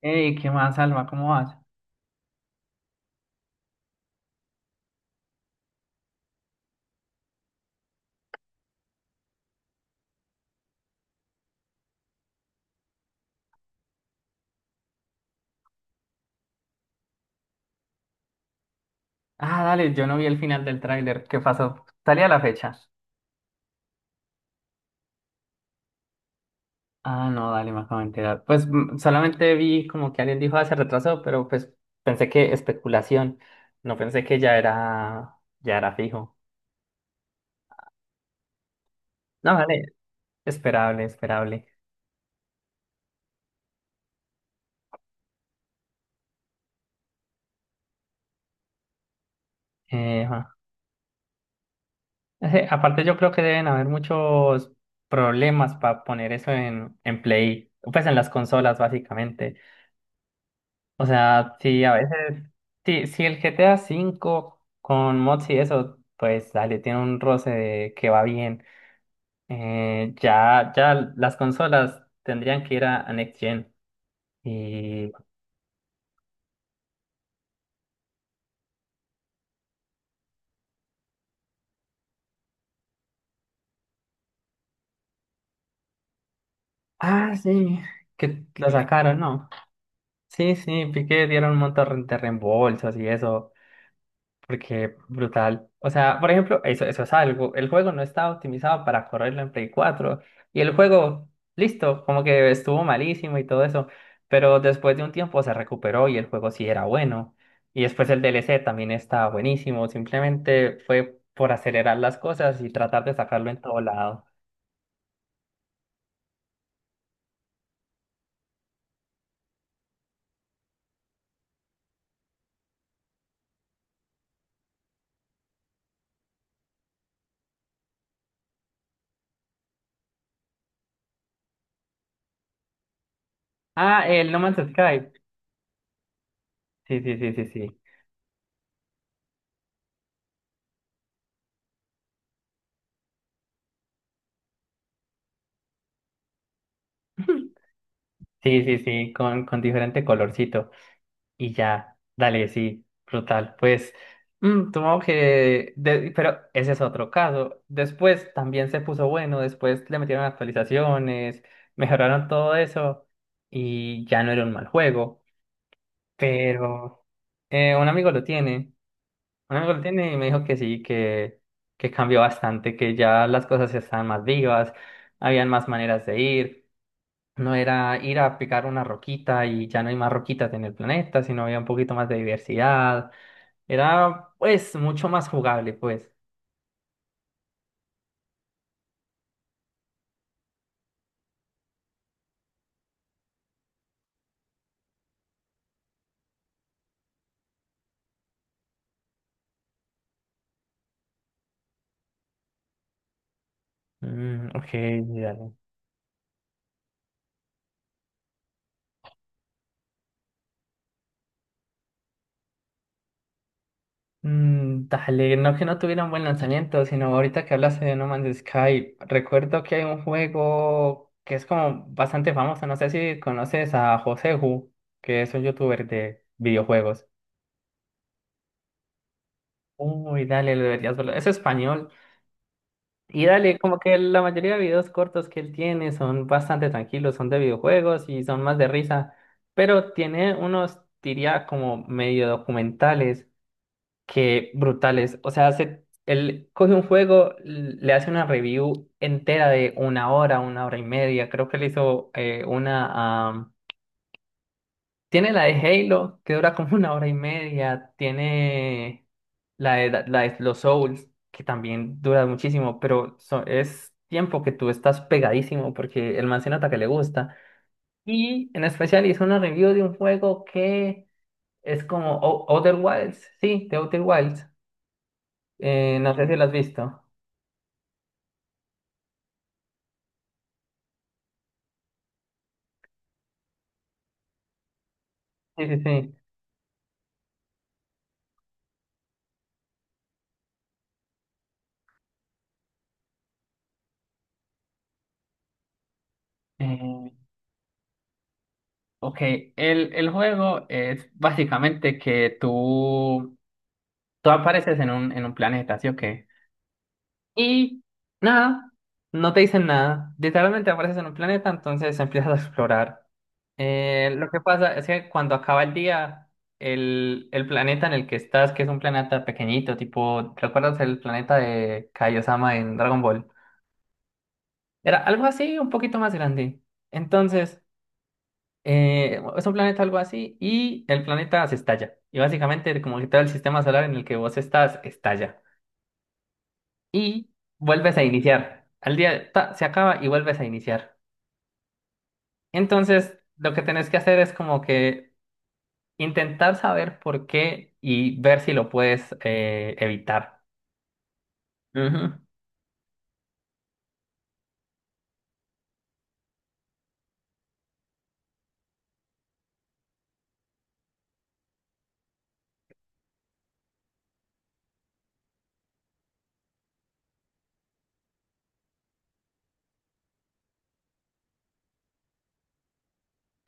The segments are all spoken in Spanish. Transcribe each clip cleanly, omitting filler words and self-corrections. Ey, ¿qué más, Alma? ¿Cómo vas? Ah, dale, yo no vi el final del tráiler. ¿Qué pasó? ¿Salía la fecha? Ah, no, dale, me acabo de enterar. Pues solamente vi como que alguien dijo, ah, se retrasó, pero pues pensé que especulación. No pensé que ya era fijo. No, dale, esperable, esperable. Ajá. Aparte yo creo que deben haber muchos problemas para poner eso en, Play, pues en las consolas básicamente. O sea, sí, a veces, sí, si el GTA 5 con mods y eso, pues dale, tiene un roce de que va bien. Ya, ya las consolas tendrían que ir a Next Gen. Y... Ah, sí, que lo sacaron, ¿no? Sí, sí, vi que dieron un montón de reembolsos y eso. Porque brutal. O sea, por ejemplo, eso es algo. El juego no estaba optimizado para correrlo en Play 4. Y el juego, listo, como que estuvo malísimo y todo eso. Pero después de un tiempo se recuperó y el juego sí era bueno. Y después el DLC también estaba buenísimo. Simplemente fue por acelerar las cosas y tratar de sacarlo en todo lado. Ah, el No Man's Sky. Sí, sí, sí, sí, sí. Sí, sí, sí, con diferente colorcito. Y ya, dale, sí, brutal. Pues, supongo que, pero ese es otro caso. Después también se puso bueno, después le metieron actualizaciones, mejoraron todo eso y ya no era un mal juego. Pero un amigo lo tiene, un amigo lo tiene y me dijo que sí, que cambió bastante, que ya las cosas estaban más vivas, habían más maneras de ir. No era ir a picar una roquita y ya no hay más roquitas en el planeta, sino había un poquito más de diversidad. Era, pues, mucho más jugable, pues. Mm, ok, dale. Mm, dale, no que no tuviera un buen lanzamiento, sino ahorita que hablaste de No Man's Sky, recuerdo que hay un juego que es como bastante famoso, no sé si conoces a Joseju, que es un youtuber de videojuegos. Uy, dale, lo deberías verlo. Es español. Y dale, como que la mayoría de videos cortos que él tiene son bastante tranquilos, son de videojuegos y son más de risa, pero tiene unos, diría, como medio documentales que brutales. O sea, hace, él coge un juego, le hace una review entera de una hora y media. Creo que le hizo una tiene la de Halo, que dura como una hora y media. Tiene la de, los Souls, que también dura muchísimo, pero es tiempo que tú estás pegadísimo porque el man se nota que le gusta. Y en especial hizo una review de un juego que es como Outer Wilds. Sí, de Outer Wilds. No sé si lo has visto. Sí, sí, sí. Eh, ok, el juego es básicamente que tú, apareces en un planeta, ¿sí o qué? Y nada, no te dicen nada. Literalmente apareces en un planeta, entonces empiezas a explorar. Lo que pasa es que cuando acaba el día, el planeta en el que estás, que es un planeta pequeñito, tipo, ¿recuerdas el planeta de Kaiosama en Dragon Ball? Era algo así, un poquito más grande. Entonces, es un planeta algo así y el planeta se estalla. Y básicamente como que todo el sistema solar en el que vos estás estalla. Y vuelves a iniciar. Al día ta, se acaba y vuelves a iniciar. Entonces, lo que tenés que hacer es como que intentar saber por qué y ver si lo puedes evitar. Ujú.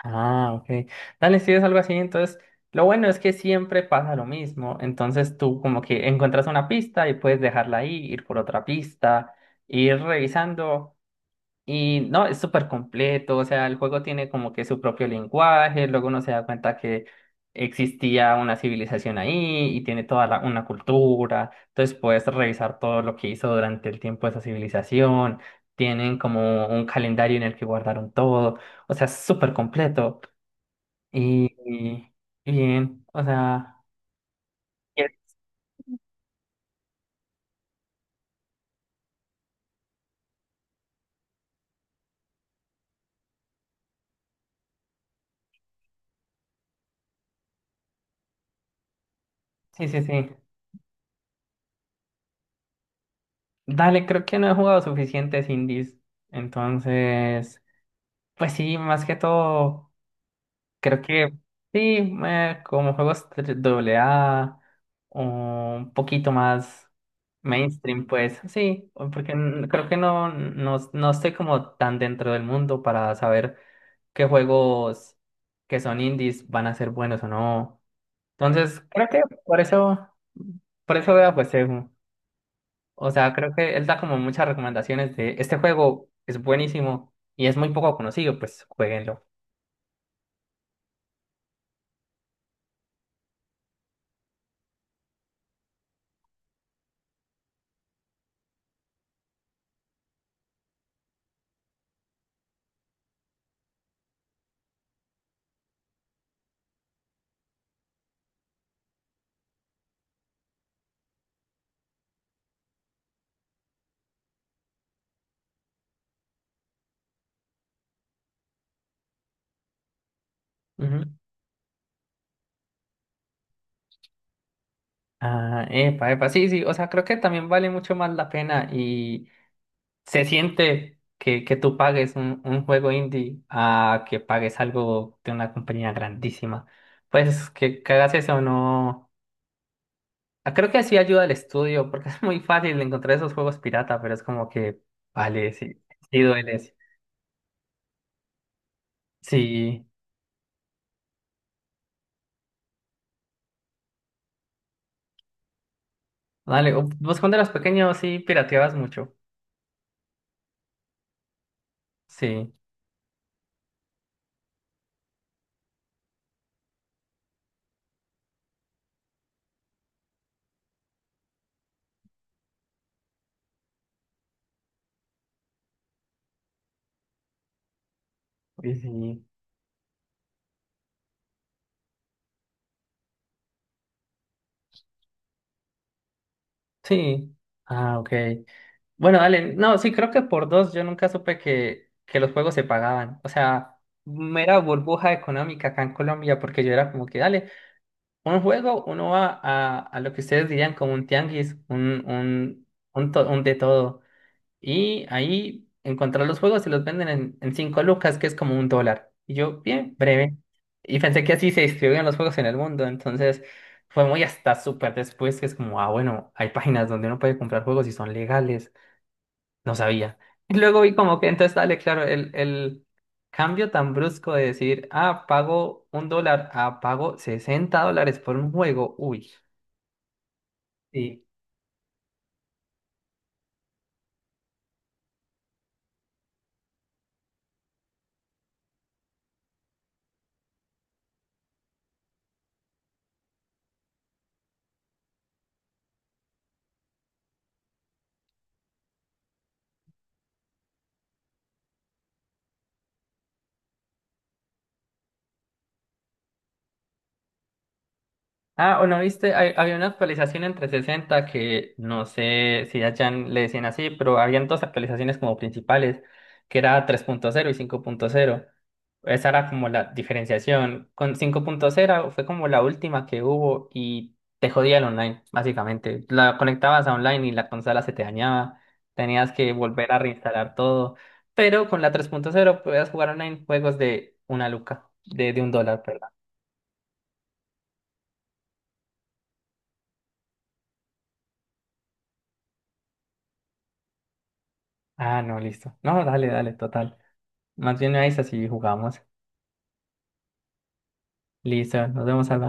Ah, ok. Dale, si es algo así, entonces lo bueno es que siempre pasa lo mismo. Entonces tú como que encuentras una pista y puedes dejarla ahí, ir por otra pista, ir revisando. Y no, es súper completo, o sea, el juego tiene como que su propio lenguaje, luego uno se da cuenta que existía una civilización ahí y tiene toda una cultura, entonces puedes revisar todo lo que hizo durante el tiempo esa civilización, tienen como un calendario en el que guardaron todo, o sea, es súper completo y, y bien, o sea, Yes. Sí, sí, sí. Dale, creo que no he jugado suficientes indies, entonces, pues sí, más que todo. Creo que sí, como juegos AA, un poquito más mainstream, pues sí, porque creo que no, no, no estoy como tan dentro del mundo para saber qué juegos que son indies van a ser buenos o no. Entonces, creo que por eso veo pues Segu. O sea, creo que él da como muchas recomendaciones de este juego es buenísimo y es muy poco conocido, pues jueguenlo. Ah, epa, epa, sí, sí, o sea, creo que también vale mucho más la pena y se siente que, tú pagues un juego indie a que pagues algo de una compañía grandísima. Pues que hagas eso, no. Ah, creo que así ayuda al estudio, porque es muy fácil encontrar esos juegos pirata, pero es como que, vale, sí, sí duele. Sí, sí, vale, vos cuando eras pequeño sí pirateabas mucho. Sí, y sí, sí. Ah, ok. Bueno, dale, no, sí, creo que por dos yo nunca supe que los juegos se pagaban. O sea, mera burbuja económica acá en Colombia, porque yo era como que, dale, un juego, uno va a, lo que ustedes dirían como un tianguis, un de todo. Y ahí encontrar los juegos y los venden en 5 lucas, que es como $1. Y yo, bien, breve. Y pensé que así se distribuían los juegos en el mundo. Entonces fue muy hasta súper después que es como, ah, bueno, hay páginas donde uno puede comprar juegos y son legales. No sabía. Y luego vi como que entonces dale, claro, el cambio tan brusco de decir, ah, pago $1, ah, pago $60 por un juego. Uy, sí. Ah, o no viste, había una actualización en 360 que no sé si allá le decían así, pero habían dos actualizaciones como principales, que era 3.0 y 5.0. Esa era como la diferenciación. Con 5.0 fue como la última que hubo y te jodía el online, básicamente. La conectabas a online y la consola se te dañaba. Tenías que volver a reinstalar todo. Pero con la 3.0 podías jugar online juegos de una luca, de, $1, perdón. Ah, no, listo. No, dale, dale, total. Más bien me avisas y jugamos. Listo, nos vemos al